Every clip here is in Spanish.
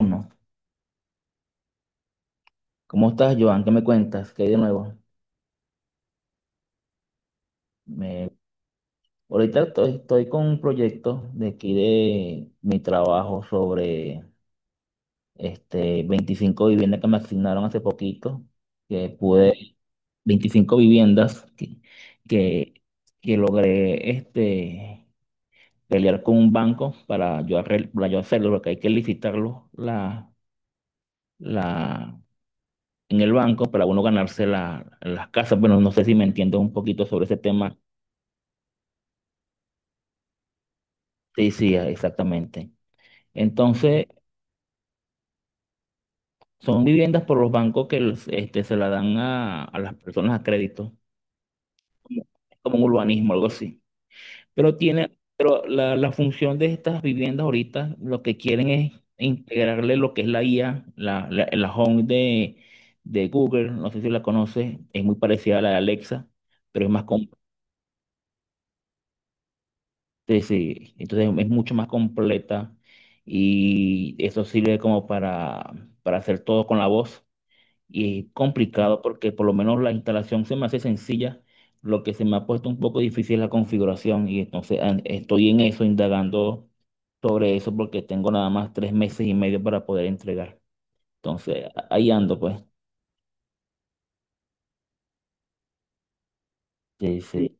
Uno. ¿Cómo estás, Joan? ¿Qué me cuentas? ¿Qué hay de nuevo? Me... Ahorita estoy con un proyecto de aquí de mi trabajo sobre 25 viviendas que me asignaron hace poquito, que pude, 25 viviendas que, que logré pelear con un banco para yo, para yo hacerlo, porque hay que licitarlo la, en el banco para uno ganarse las casas. Bueno, no sé si me entiendes un poquito sobre ese tema. Sí, sí, ah, exactamente. Entonces, son viviendas por los bancos que los, se la dan a las personas a crédito, como, como un urbanismo, algo así. Pero tiene, pero la función de estas viviendas ahorita, lo que quieren es integrarle lo que es la IA, la Home de Google, no sé si la conoces. Es muy parecida a la de Alexa, pero es más completa, entonces es mucho más completa, y eso sirve como para hacer todo con la voz. Y complicado porque por lo menos la instalación se me hace sencilla, lo que se me ha puesto un poco difícil es la configuración, y entonces estoy en eso, indagando sobre eso porque tengo nada más tres meses y medio para poder entregar. Entonces ahí ando pues. Sí, sí.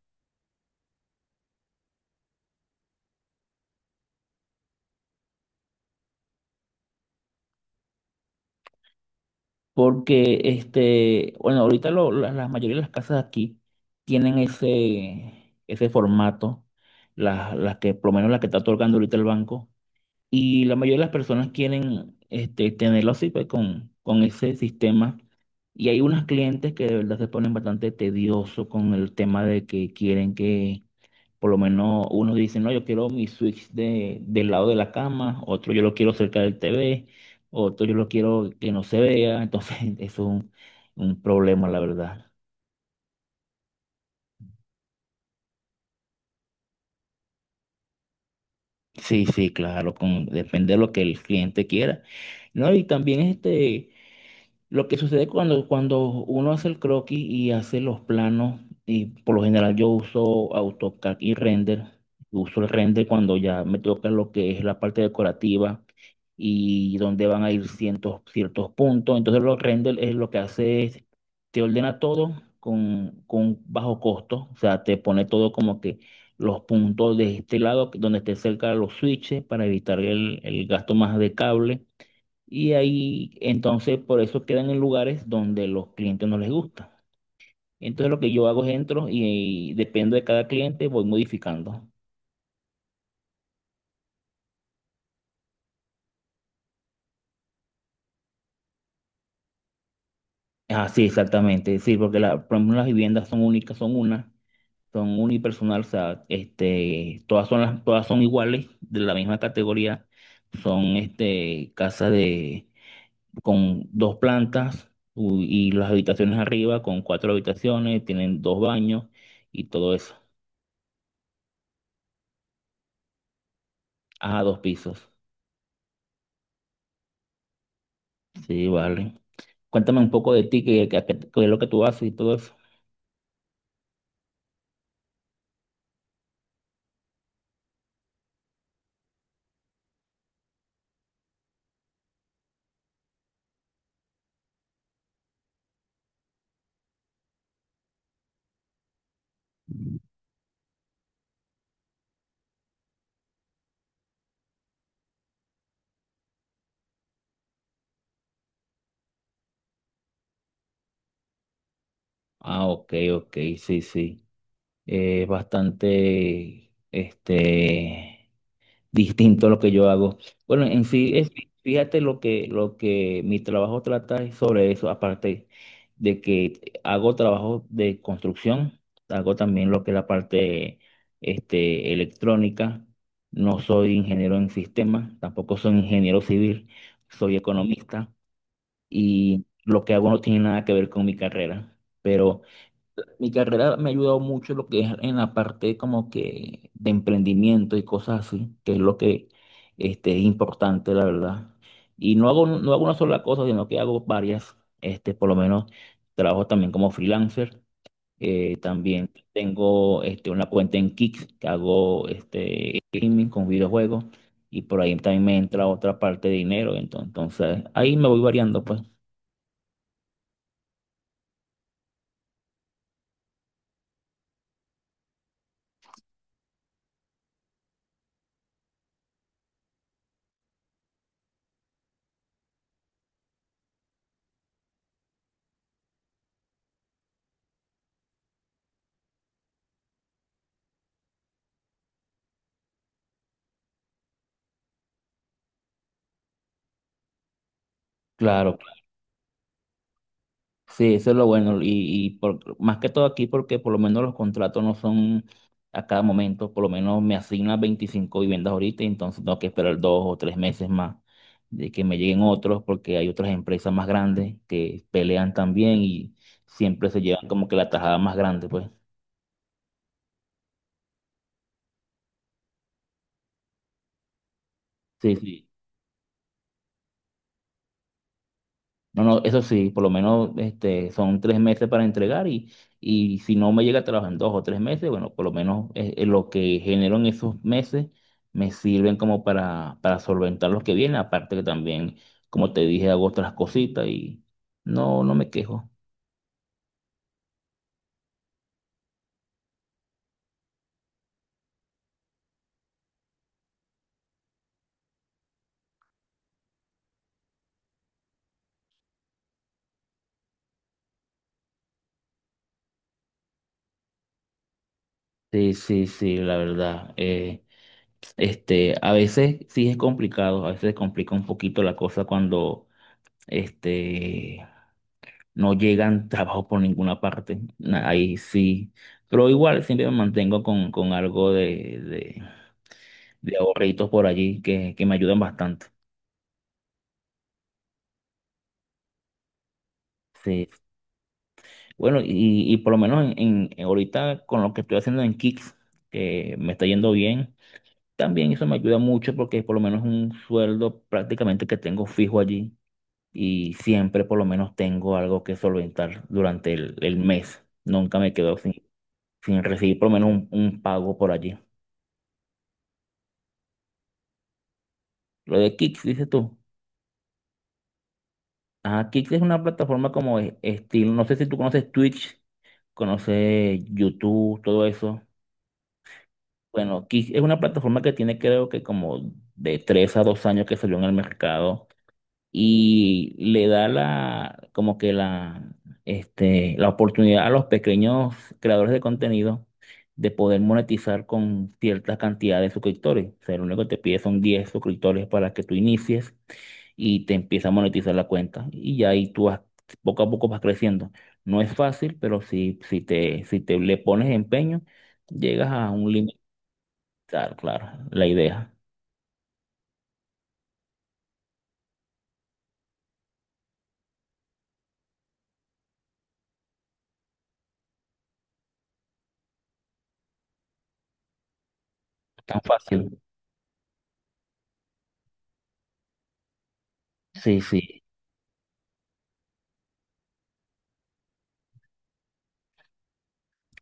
Porque bueno, ahorita la mayoría de las casas aquí tienen ese formato, las que por lo menos la que está otorgando ahorita el banco. Y la mayoría de las personas quieren tenerlo así, pues con ese sistema. Y hay unas clientes que de verdad se ponen bastante tedioso con el tema de que quieren que, por lo menos, unos dicen, no, yo quiero mi switch de, del lado de la cama, otro yo lo quiero cerca del TV, otro yo lo quiero que no se vea. Entonces, es un problema, la verdad. Sí, sí, claro, con, depende de lo que el cliente quiera. No, y también este. Lo que sucede cuando, cuando uno hace el croquis y hace los planos, y por lo general yo uso AutoCAD y render, uso el render cuando ya me toca lo que es la parte decorativa y donde van a ir ciertos puntos. Entonces los render es lo que hace es, te ordena todo con bajo costo. O sea, te pone todo como que los puntos de este lado, donde esté cerca los switches para evitar el gasto más de cable, y ahí, entonces, por eso quedan en lugares donde los clientes no les gusta. Entonces, lo que yo hago es entro y depende de cada cliente, voy modificando. Ah, sí, exactamente. Sí, porque por ejemplo, las viviendas son únicas, son una, son unipersonal. O sea, todas son todas son iguales, de la misma categoría. Son casas de, con dos plantas y las habitaciones arriba con cuatro habitaciones, tienen dos baños y todo eso. Ah, dos pisos. Sí, vale. Cuéntame un poco de ti, qué, qué es lo que tú haces y todo eso. Ah, ok, ok, sí, sí. Es bastante, distinto a lo que yo hago. Bueno, en sí, es, fíjate lo que mi trabajo trata es sobre eso, aparte de que hago trabajo de construcción, hago también lo que es la parte, electrónica. No soy ingeniero en sistemas, tampoco soy ingeniero civil, soy economista. Y lo que hago no tiene nada que ver con mi carrera. Pero mi carrera me ha ayudado mucho lo que es en la parte como que de emprendimiento y cosas así, que es lo que es importante, la verdad. Y no hago, no hago una sola cosa, sino que hago varias. Por lo menos trabajo también como freelancer. También tengo una cuenta en Kick que hago gaming con videojuegos. Y por ahí también me entra otra parte de dinero. Entonces, entonces ahí me voy variando, pues. Claro. Sí, eso es lo bueno. Y más que todo aquí, porque por lo menos los contratos no son a cada momento. Por lo menos me asignan 25 viviendas ahorita, y entonces tengo que esperar dos o tres meses más de que me lleguen otros, porque hay otras empresas más grandes que pelean también y siempre se llevan como que la tajada más grande, pues. Sí, sí. No, no, eso sí, por lo menos son tres meses para entregar y si no me llega a trabajar en dos o tres meses, bueno, por lo menos lo que genero en esos meses me sirven como para solventar los que vienen, aparte que también, como te dije, hago otras cositas y no, no me quejo. Sí, sí, sí, la verdad. Este, a veces sí es complicado, a veces complica un poquito la cosa cuando este no llegan trabajo por ninguna parte. Ahí sí. Pero igual siempre me mantengo con algo de, de ahorritos por allí que me ayudan bastante. Sí. Bueno, y por lo menos ahorita con lo que estoy haciendo en Kicks, que me está yendo bien, también eso me ayuda mucho porque por lo menos es un sueldo prácticamente que tengo fijo allí y siempre por lo menos tengo algo que solventar durante el mes. Nunca me quedo sin, sin recibir por lo menos un pago por allí. Lo de Kick, dices tú. Ah, Kick es una plataforma como estilo, no sé si tú conoces Twitch, conoces YouTube, todo eso. Bueno, Kick es una plataforma que tiene creo que como de tres a dos años que salió en el mercado y le da como que la oportunidad a los pequeños creadores de contenido de poder monetizar con cierta cantidad de suscriptores. O sea, lo único que te pide son 10 suscriptores para que tú inicies y te empieza a monetizar la cuenta. Y ya ahí tú vas, poco a poco vas creciendo. No es fácil, pero si, si te, si te le pones empeño, llegas a un límite, claro, claro, la idea. Tan fácil. Sí, sí.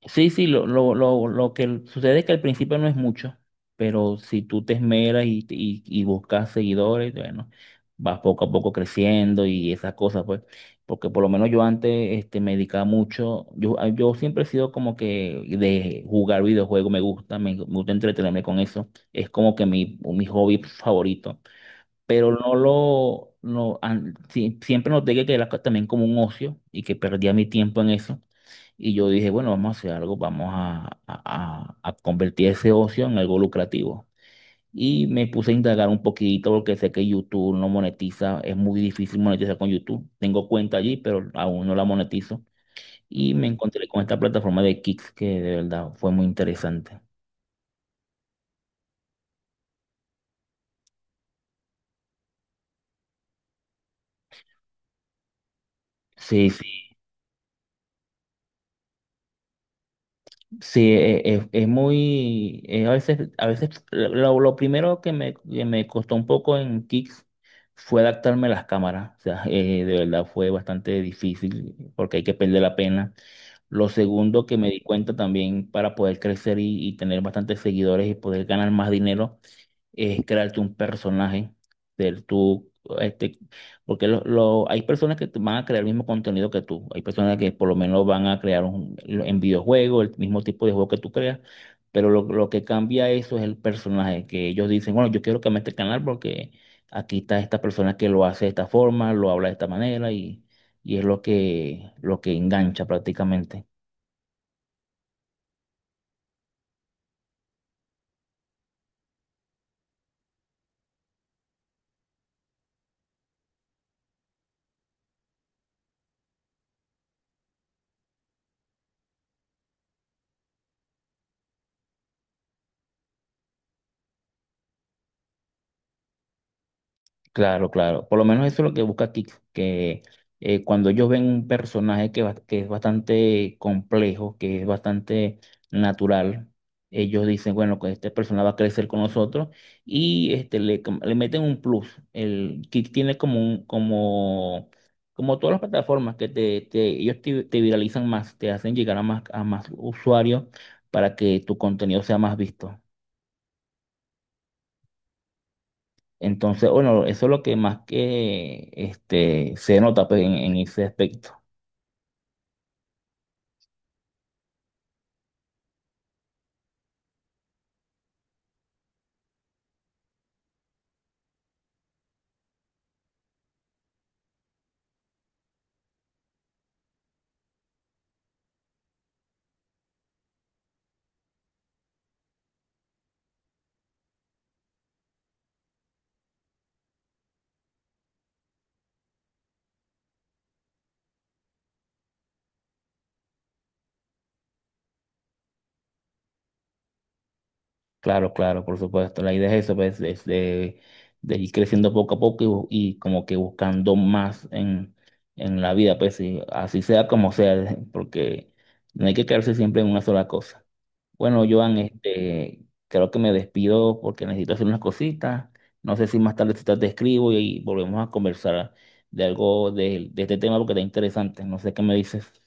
Sí, sí, lo que sucede es que al principio no es mucho, pero si tú te esmeras y buscas seguidores, bueno, vas poco a poco creciendo y esas cosas, pues, porque por lo menos yo antes me dedicaba mucho, yo, yo siempre he sido como que de jugar videojuegos, me gusta, me gusta entretenerme con eso, es como que mi hobby favorito, pero no lo, no, sí, siempre noté que era también como un ocio y que perdía mi tiempo en eso. Y yo dije, bueno, vamos a hacer algo, vamos a, a convertir ese ocio en algo lucrativo. Y me puse a indagar un poquito porque sé que YouTube no monetiza, es muy difícil monetizar con YouTube. Tengo cuenta allí, pero aún no la monetizo. Y me encontré con esta plataforma de Kicks que de verdad fue muy interesante. Sí, sí. Sí, es, muy, a veces lo primero que me costó un poco en Kicks fue adaptarme a las cámaras. O sea, de verdad fue bastante difícil porque hay que perder la pena. Lo segundo que me di cuenta también para poder crecer y tener bastantes seguidores y poder ganar más dinero es crearte un personaje del tú, este, porque lo, hay personas que te van a crear el mismo contenido que tú, hay personas que por lo menos van a crear en videojuegos el mismo tipo de juego que tú creas, pero lo que cambia eso es el personaje, que ellos dicen, bueno, yo quiero que me este canal porque aquí está esta persona que lo hace de esta forma, lo habla de esta manera y es lo que engancha prácticamente. Claro, claro. Por lo menos eso es lo que busca Kik, que cuando ellos ven un personaje que, que es bastante complejo, que es bastante natural, ellos dicen, bueno, que este personaje va a crecer con nosotros y le, le meten un plus. El Kik tiene como un, como, como todas las plataformas que te, ellos te, te viralizan más, te hacen llegar a más usuarios para que tu contenido sea más visto. Entonces, bueno, eso es lo que más que se nota pues, en ese aspecto. Claro, claro, por supuesto. La idea es eso, pues, es de ir creciendo poco a poco y, y como que buscando más en la vida, pues, y así sea como sea, porque no hay que quedarse siempre en una sola cosa. Bueno, Joan, creo que me despido porque necesito hacer unas cositas. No sé si más tarde si te te escribo y volvemos a conversar de algo de este tema porque está interesante. No sé qué me dices.